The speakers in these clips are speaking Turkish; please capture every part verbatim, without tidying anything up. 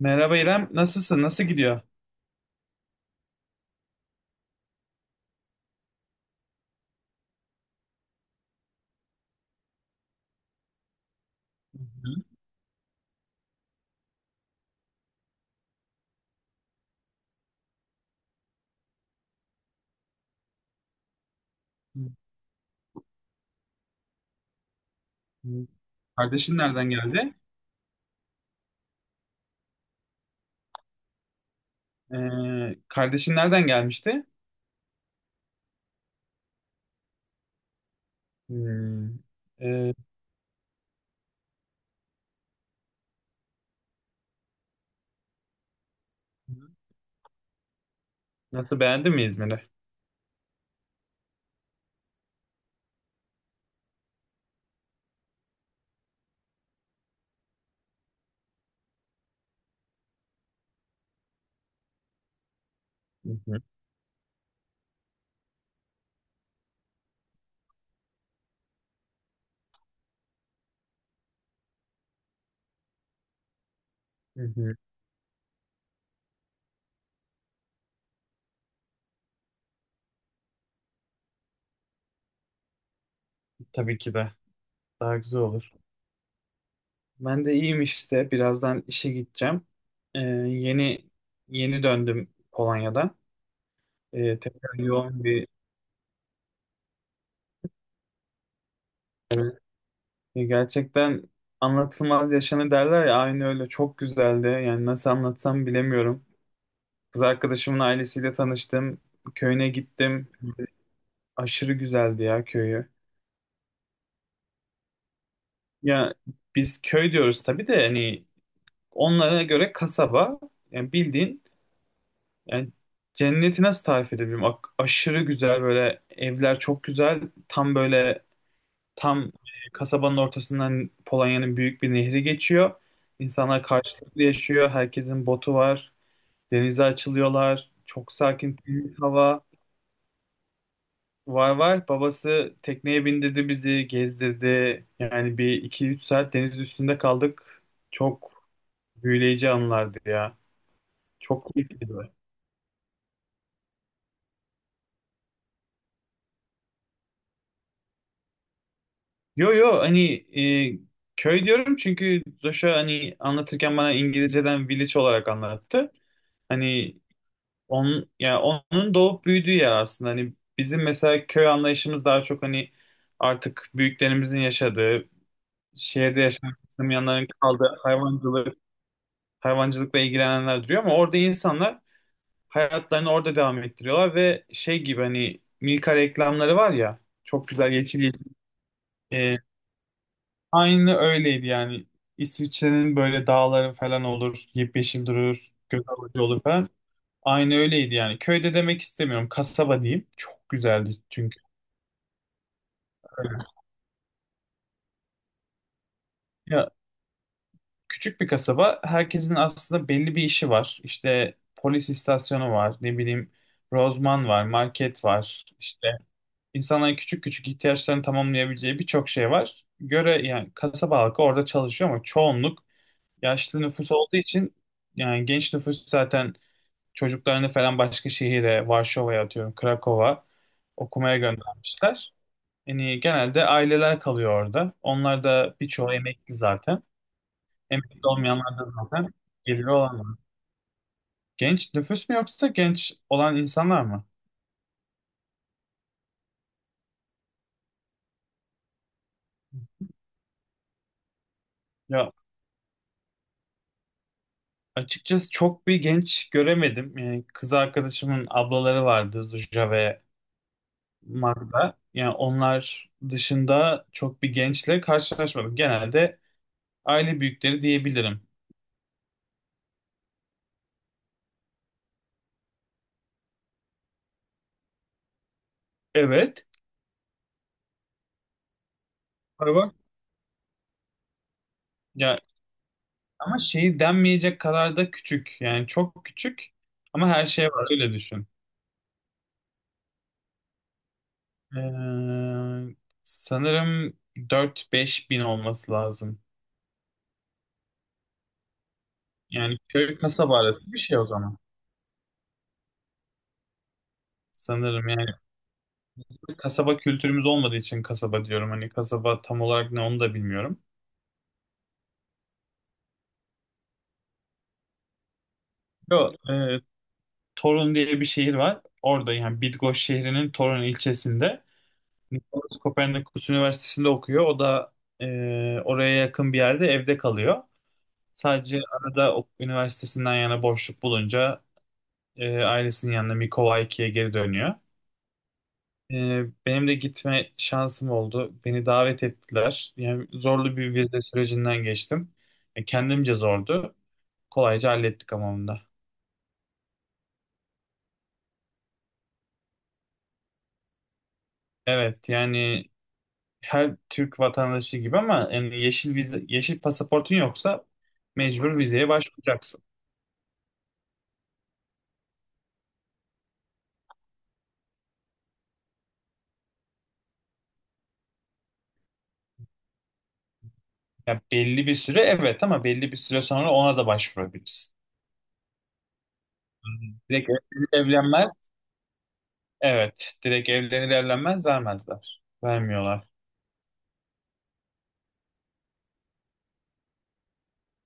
Merhaba İrem, nasılsın? Nasıl gidiyor? Hı hı. Hı. Kardeşin nereden geldi? Ee, kardeşin nereden gelmişti? Hmm. Ee, Nasıl, beğendin mi İzmir'i? Hı hı, hı hı. Tabii ki de. Daha güzel olur. Ben de iyiyim işte. Birazdan işe gideceğim. Ee, yeni yeni döndüm Polonya'dan. Ee, tekrar yoğun bir. Evet. E, gerçekten anlatılmaz yaşanı derler ya, aynı öyle, çok güzeldi. Yani nasıl anlatsam bilemiyorum. Kız arkadaşımın ailesiyle tanıştım. Köyüne gittim. Aşırı güzeldi ya köyü. Ya, biz köy diyoruz tabii de hani onlara göre kasaba, yani bildiğin, yani cenneti nasıl tarif edebilirim? Ak- aşırı güzel, böyle evler çok güzel. Tam böyle, tam e, kasabanın ortasından Polonya'nın büyük bir nehri geçiyor. İnsanlar karşılıklı yaşıyor. Herkesin botu var. Denize açılıyorlar. Çok sakin, temiz hava. Var var. Babası tekneye bindirdi bizi, gezdirdi. Yani bir iki üç saat deniz üstünde kaldık. Çok büyüleyici anlardı ya. Çok keyifliydi. Yo yo, hani e, köy diyorum çünkü Joshua hani anlatırken bana İngilizceden village olarak anlattı. Hani onun yani onun doğup büyüdüğü yer aslında. Hani bizim mesela köy anlayışımız daha çok hani artık büyüklerimizin yaşadığı, şehirde yaşayan insanların yanların kaldığı, hayvancılık hayvancılıkla ilgilenenler duruyor, ama orada insanlar hayatlarını orada devam ettiriyorlar ve şey gibi, hani Milka reklamları var ya, çok güzel, yeşil yeşil. Ee, Aynı öyleydi yani. İsviçre'nin böyle dağları falan olur, yemyeşil durur, göz alıcı olur falan. Aynı öyleydi yani. Köyde demek istemiyorum. Kasaba diyeyim. Çok güzeldi çünkü. Ya, küçük bir kasaba. Herkesin aslında belli bir işi var. İşte polis istasyonu var, ne bileyim, rozman var, market var. İşte İnsanların küçük küçük ihtiyaçlarını tamamlayabileceği birçok şey var. Göre yani kasaba halkı orada çalışıyor ama çoğunluk yaşlı nüfus olduğu için, yani genç nüfus zaten çocuklarını falan başka şehire, Varşova'ya atıyorum, Krakow'a okumaya göndermişler. Yani genelde aileler kalıyor orada. Onlar da birçoğu emekli zaten. Emekli olmayanlar da zaten geliri olanlar. Genç nüfus mu yoksa genç olan insanlar mı? Ya, açıkçası çok bir genç göremedim. Yani kız arkadaşımın ablaları vardı, Zuja ve Magda. Yani onlar dışında çok bir gençle karşılaşmadım. Genelde aile büyükleri diyebilirim. Evet. Var. Ya ama şeyi denmeyecek kadar da küçük. Yani çok küçük ama her şey var, öyle düşün. Ee, Sanırım dört beş bin olması lazım. Yani köy kasaba arası bir şey o zaman. Sanırım yani. Kasaba kültürümüz olmadığı için kasaba diyorum. Hani kasaba tam olarak ne, onu da bilmiyorum. Yo, e, Torun diye bir şehir var. Orada, yani Bidgoş şehrinin Torun ilçesinde. Nikolaus Kopernikus Üniversitesi'nde okuyor. O da e, oraya yakın bir yerde evde kalıyor. Sadece arada o üniversitesinden yana boşluk bulunca e, ailesinin yanına Mikowaiki'ye geri dönüyor. E, Benim de gitme şansım oldu. Beni davet ettiler. Yani zorlu bir vize sürecinden geçtim. E, kendimce zordu. Kolayca hallettik ama. Evet yani, her Türk vatandaşı gibi, ama yani yeşil vize, yeşil pasaportun yoksa mecbur vizeye başvuracaksın. Ya, belli bir süre evet, ama belli bir süre sonra ona da başvurabilirsin. Anladım. Direkt evlenir evlenmez. Evet. Direkt evlenir evlenmez vermezler. Vermiyorlar.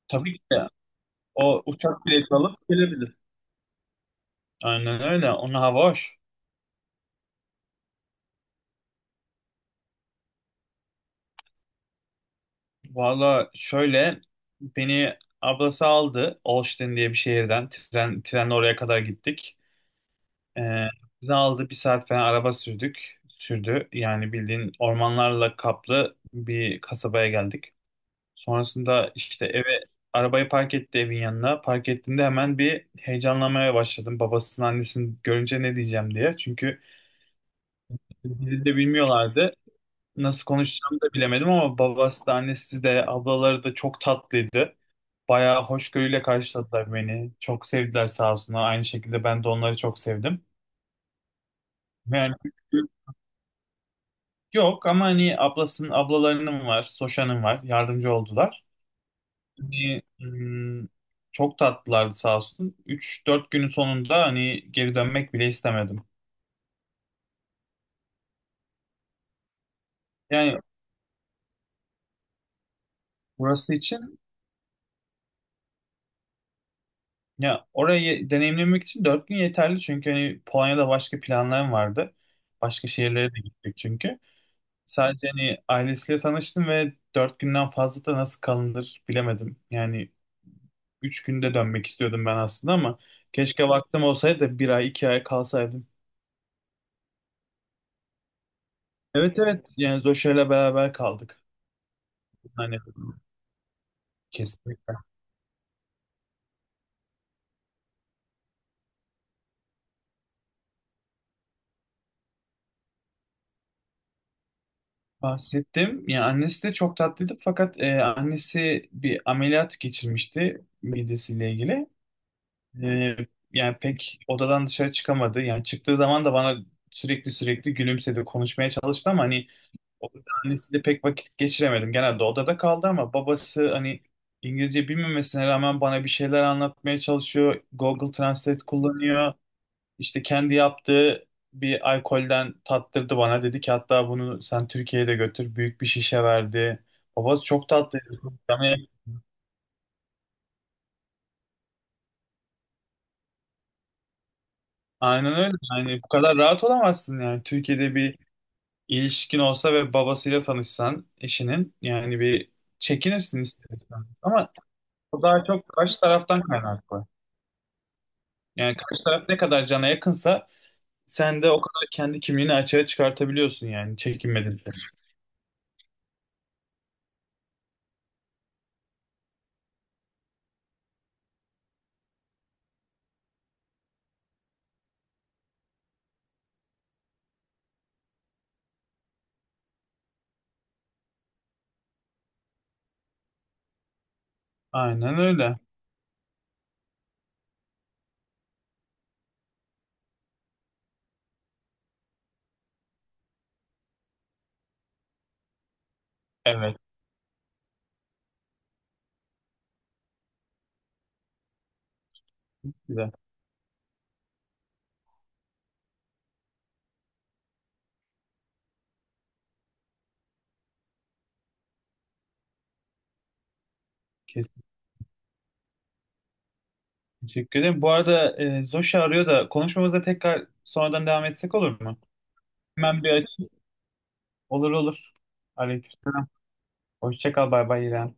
Tabii ki de, o uçak bileti alıp gelebilir. Aynen öyle. Ona hava hoş. Valla şöyle, beni ablası aldı Olsztyn diye bir şehirden, tren trenle oraya kadar gittik. Ee, Bizi aldı, bir saat falan araba sürdük sürdü, yani bildiğin ormanlarla kaplı bir kasabaya geldik. Sonrasında işte eve, arabayı park etti, evin yanına park ettiğinde hemen bir heyecanlanmaya başladım, babasının annesini görünce ne diyeceğim diye, çünkü dili de bilmiyorlardı. Nasıl konuşacağımı da bilemedim, ama babası da annesi de ablaları da çok tatlıydı. Bayağı hoşgörüyle karşıladılar beni. Çok sevdiler sağ olsunlar. Aynı şekilde ben de onları çok sevdim. Yani yok, ama hani ablasının ablalarının var, Soşan'ın var. Yardımcı oldular. Hani, hmm, çok tatlılardı sağ olsun. üç dört günün sonunda hani geri dönmek bile istemedim. Yani burası için, ya orayı deneyimlemek için dört gün yeterli, çünkü hani Polonya'da başka planlarım vardı. Başka şehirlere de gittik çünkü. Sadece hani ailesiyle tanıştım ve dört günden fazla da nasıl kalınır bilemedim. Yani üç günde dönmek istiyordum ben aslında, ama keşke vaktim olsaydı da bir ay iki ay kalsaydım. Evet evet, yani Zoşa'yla beraber kaldık. Hani, kesinlikle bahsettim. Yani annesi de çok tatlıydı, fakat e, annesi bir ameliyat geçirmişti midesiyle ilgili. E, Yani pek odadan dışarı çıkamadı. Yani çıktığı zaman da bana sürekli sürekli gülümsedi, konuşmaya çalıştı, ama hani o, annesiyle pek vakit geçiremedim. Genelde odada kaldı, ama babası hani İngilizce bilmemesine rağmen bana bir şeyler anlatmaya çalışıyor. Google Translate kullanıyor. İşte kendi yaptığı bir alkolden tattırdı bana. Dedi ki hatta, bunu sen Türkiye'ye de götür. Büyük bir şişe verdi. Babası çok tatlıydı. Yani aynen öyle. Yani bu kadar rahat olamazsın yani. Türkiye'de bir ilişkin olsa ve babasıyla tanışsan eşinin, yani bir çekinirsin istersen. Ama o daha çok karşı taraftan kaynaklı. Yani karşı taraf ne kadar cana yakınsa, sen de o kadar kendi kimliğini açığa çıkartabiliyorsun, yani çekinmedin. Aynen öyle. Evet. Güzel. Kesin. Teşekkür ederim. Bu arada, e, Zoşi arıyor da, konuşmamıza tekrar sonradan devam etsek olur mu? Hemen bir açayım. Olur olur. Aleyküm. Hoşça kal. Bay bay İrem.